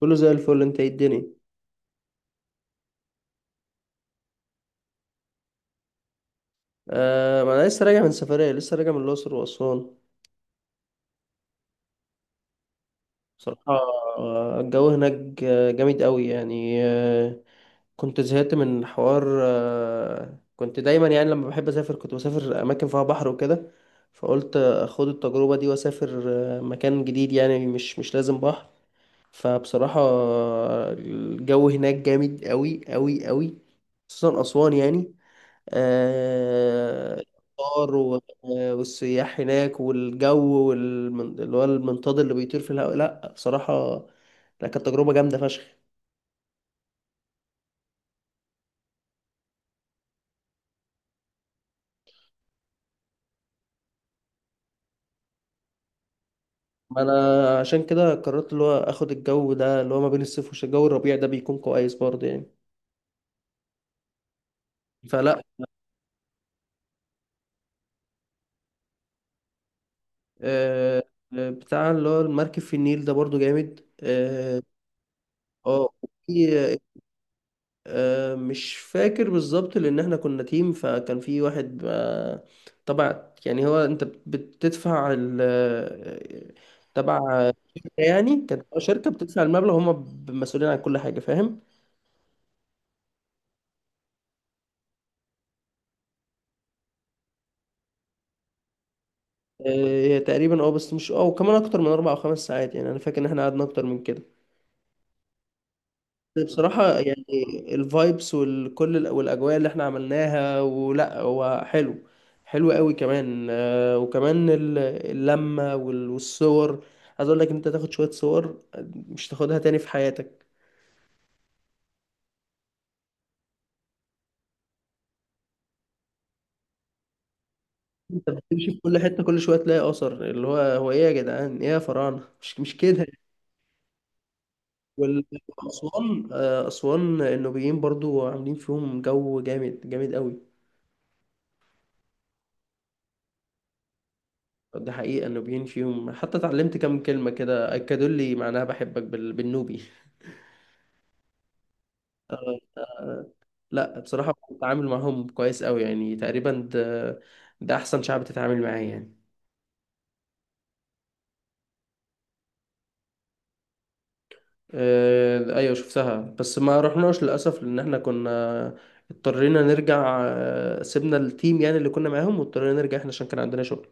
كله زي الفل، انت ايه الدنيا؟ ما انا لسه راجع من سفرية، لسه راجع من الأقصر وأسوان. بصراحة الجو هناك جامد قوي يعني. كنت زهقت من حوار، كنت دايما يعني لما بحب أسافر كنت بسافر أماكن فيها بحر وكده، فقلت أخد التجربة دي وأسافر مكان جديد يعني، مش لازم بحر. فبصراحة الجو هناك جامد قوي قوي قوي، خصوصا أسوان يعني. الأمطار والسياح هناك والجو اللي هو المنطاد اللي بيطير في الهواء، لا بصراحة، لا كانت تجربة جامدة فشخ. ما أنا عشان كده قررت اللي هو آخد الجو ده، اللي هو ما بين الصيف والشتاء، الجو الربيع ده بيكون كويس برضه يعني. فلا. آه، بتاع اللي هو المركب في النيل ده برضه جامد، اه. آه، وفي آه، مش فاكر بالظبط لان احنا كنا تيم، فكان في واحد، طبعا يعني، هو انت بتدفع ال تبع شركة يعني، كانت تبع شركة، بتدفع المبلغ هم مسؤولين عن كل حاجة، فاهم؟ آه، هي تقريبا اه، بس مش اه، وكمان اكتر من اربع او خمس ساعات يعني، انا فاكر ان احنا قعدنا اكتر من كده. بصراحة يعني الفايبس والكل والأجواء اللي احنا عملناها، ولا هو حلو، حلو قوي كمان. وكمان اللمة والصور. عايز اقول لك إن انت تاخد شوية صور مش تاخدها تاني في حياتك. انت بتمشي في كل حتة، كل شوية تلاقي أثر، اللي هو هو ايه يا جدعان، ايه يا فراعنة، مش كده؟ وأسوان، أسوان النوبيين برضو عاملين فيهم جو جامد، جامد قوي. ده حقيقة النوبيين فيهم، حتى اتعلمت كام كلمة كده أكدوا لي معناها، بحبك بالنوبي. لا بصراحة بتعامل معاهم كويس أوي يعني، تقريبا ده أحسن شعب تتعامل معاه يعني. أيوة شفتها، بس ما رحناش للأسف لأن احنا كنا اضطرينا نرجع، سيبنا التيم يعني اللي كنا معاهم واضطرينا نرجع احنا عشان كان عندنا شغل.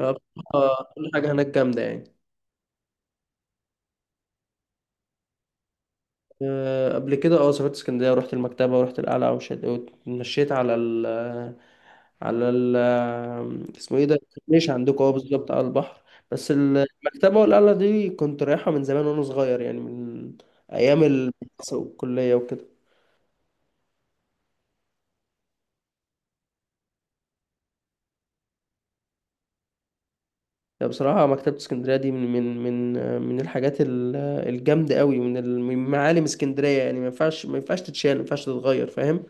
بصراحة كل حاجة هناك جامدة يعني. قبل كده اه، سافرت اسكندرية ورحت المكتبة ورحت القلعة واتمشيت على ال، على ال، اسمه ايه ده؟ مش عندكم اه، بالظبط على البحر. بس المكتبة والقلعة دي كنت رايحها من زمان وانا صغير يعني، من ايام المدرسة والكلية وكده يعني. بصراحة مكتبة اسكندرية دي من من الحاجات الجامدة قوي، من معالم اسكندرية يعني، ما ينفعش، ما ينفعش تتشال، ما ينفعش تتغير، فاهم؟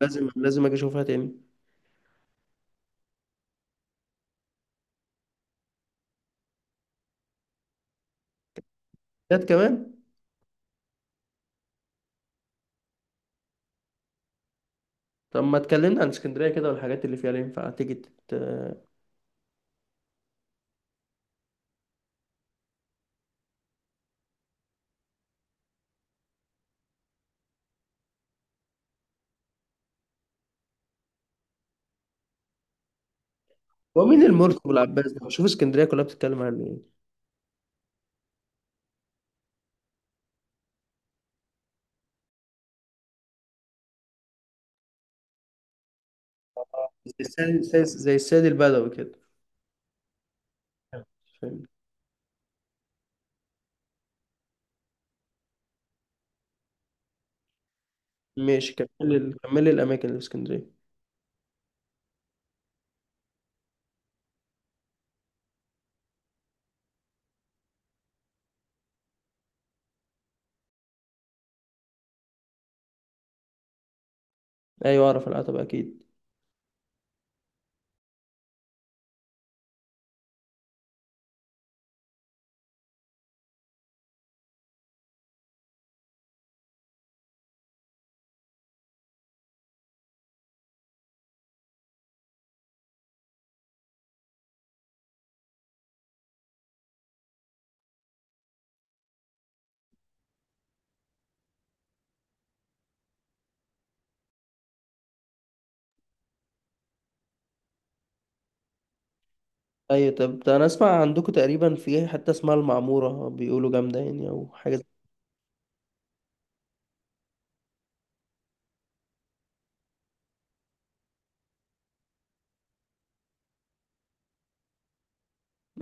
لازم اجي اشوفها تاني. كانت كمان. طب ما اتكلمنا عن اسكندرية كده والحاجات اللي فيها، اللي ينفع تيجي تت... هو مين المرسي والعباس ده؟ شوف اسكندرية كلها بتتكلم عن ايه. زي السيد، زي السيد البدوي كده، فاهم؟ ماشي كمل. كمل لي الأماكن اللي في اسكندرية. أيوة أعرف العتبة أكيد. أيوة، طب ده أنا أسمع عندكم تقريبا في حتة اسمها المعمورة بيقولوا جامدة يعني، أو حاجة زي-.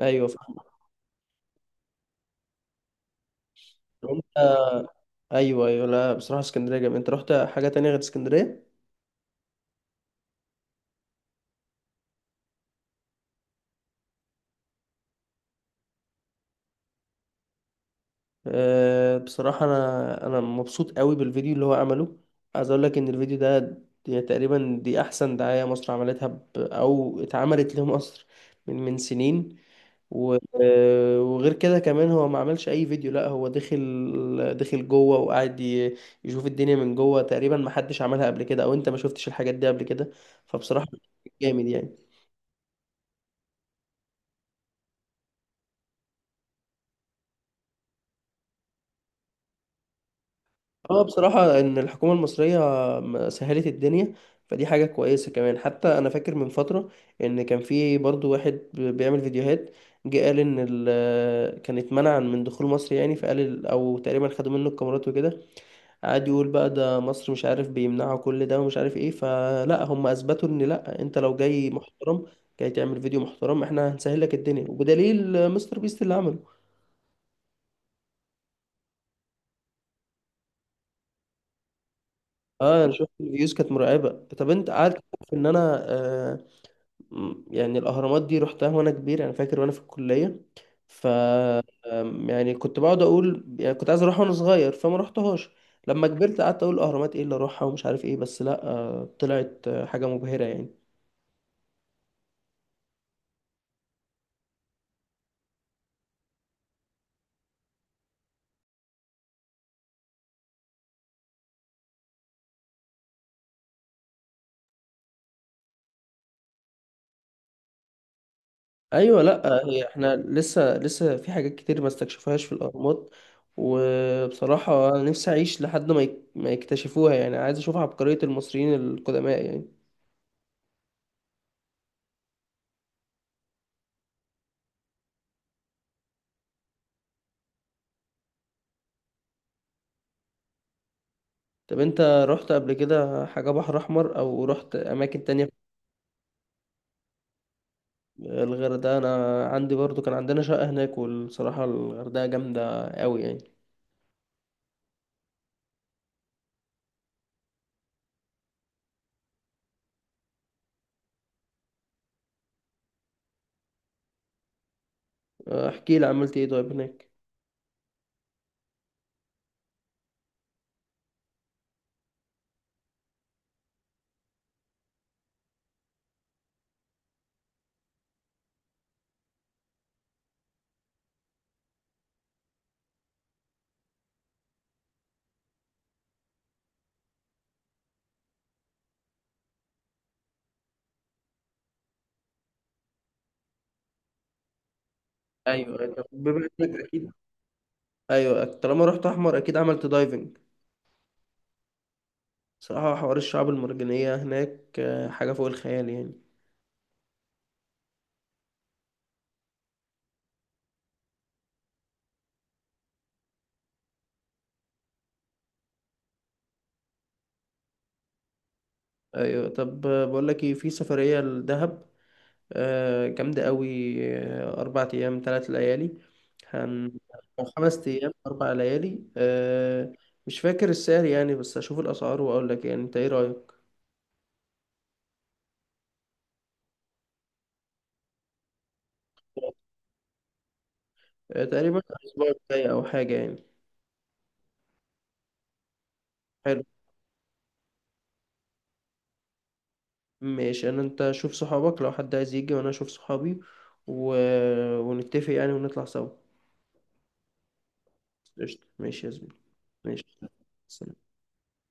أيوة فاهم. طب أنت. أيوة أيوة، لا بصراحة اسكندرية جامدة. أنت رحت حاجة تانية غير اسكندرية؟ بصراحة أنا مبسوط قوي بالفيديو اللي هو عمله. عايز أقول لك إن الفيديو ده، دي تقريبا أحسن دعاية مصر عملتها ب... أو اتعملت لمصر من من سنين و... وغير كده كمان، هو ما عملش أي فيديو، لأ هو دخل جوه وقعد ي... يشوف الدنيا من جوه، تقريبا ما حدش عملها قبل كده، أو أنت ما شفتش الحاجات دي قبل كده. فبصراحة جامد يعني. اه بصراحة ان الحكومة المصرية سهلت الدنيا، فدي حاجة كويسة كمان. حتى انا فاكر من فترة ان كان في برضو واحد بيعمل فيديوهات، جه قال ان كان اتمنع من دخول مصر يعني، فقال او تقريبا خدوا منه الكاميرات وكده، قعد يقول بقى ده مصر مش عارف بيمنعوا كل ده، ومش عارف ايه. فلا هم اثبتوا ان لا، انت لو جاي محترم، جاي تعمل فيديو محترم، احنا هنسهل لك الدنيا، وبدليل مستر بيست اللي عمله. اه انا شفت الفيوز كانت مرعبة. طب انت قاعد في ان انا يعني الأهرامات دي رحتها وأنا كبير، أنا فاكر وأنا في الكلية ف، يعني كنت بقعد أقول، يعني كنت عايز أروح وأنا صغير فما رحتهاش، لما كبرت قعدت أقول الأهرامات إيه اللي أروحها ومش عارف إيه، بس لأ طلعت حاجة مبهرة يعني. أيوة لأ، هي إحنا لسه في حاجات كتير ما استكشفوهاش في الأهرامات. وبصراحة أنا نفسي أعيش لحد ما ما يكتشفوها يعني، عايز أشوف عبقرية المصريين القدماء يعني. طب أنت رحت قبل كده حاجة بحر أحمر، أو رحت أماكن تانية؟ الغردقة، أنا عندي برضو كان عندنا شقة هناك، والصراحة الغردقة جامدة أوي يعني. احكي لي، عملت إيه طيب هناك؟ أيوة أيوة. بما إنك أكيد، أيوة طالما رحت أحمر أكيد عملت دايفنج. صراحة حوار الشعاب المرجانية هناك حاجة فوق الخيال يعني. أيوة طب، بقول لك إيه، في سفرية لدهب جامدة أوي، 4 أيام 3 ليالي، هن، أو 5 أيام 4 ليالي. مش فاكر السعر يعني، بس أشوف الأسعار وأقول لك، يعني أنت إيه رأيك؟ تقريبا الأسبوع الجاي أو حاجة يعني. حلو، ماشي. أنا أنت شوف صحابك لو حد عايز يجي، وأنا أشوف صحابي و... ونتفق يعني ونطلع سوا. قشطة ماشي يا زميلي. ماشي، سلام.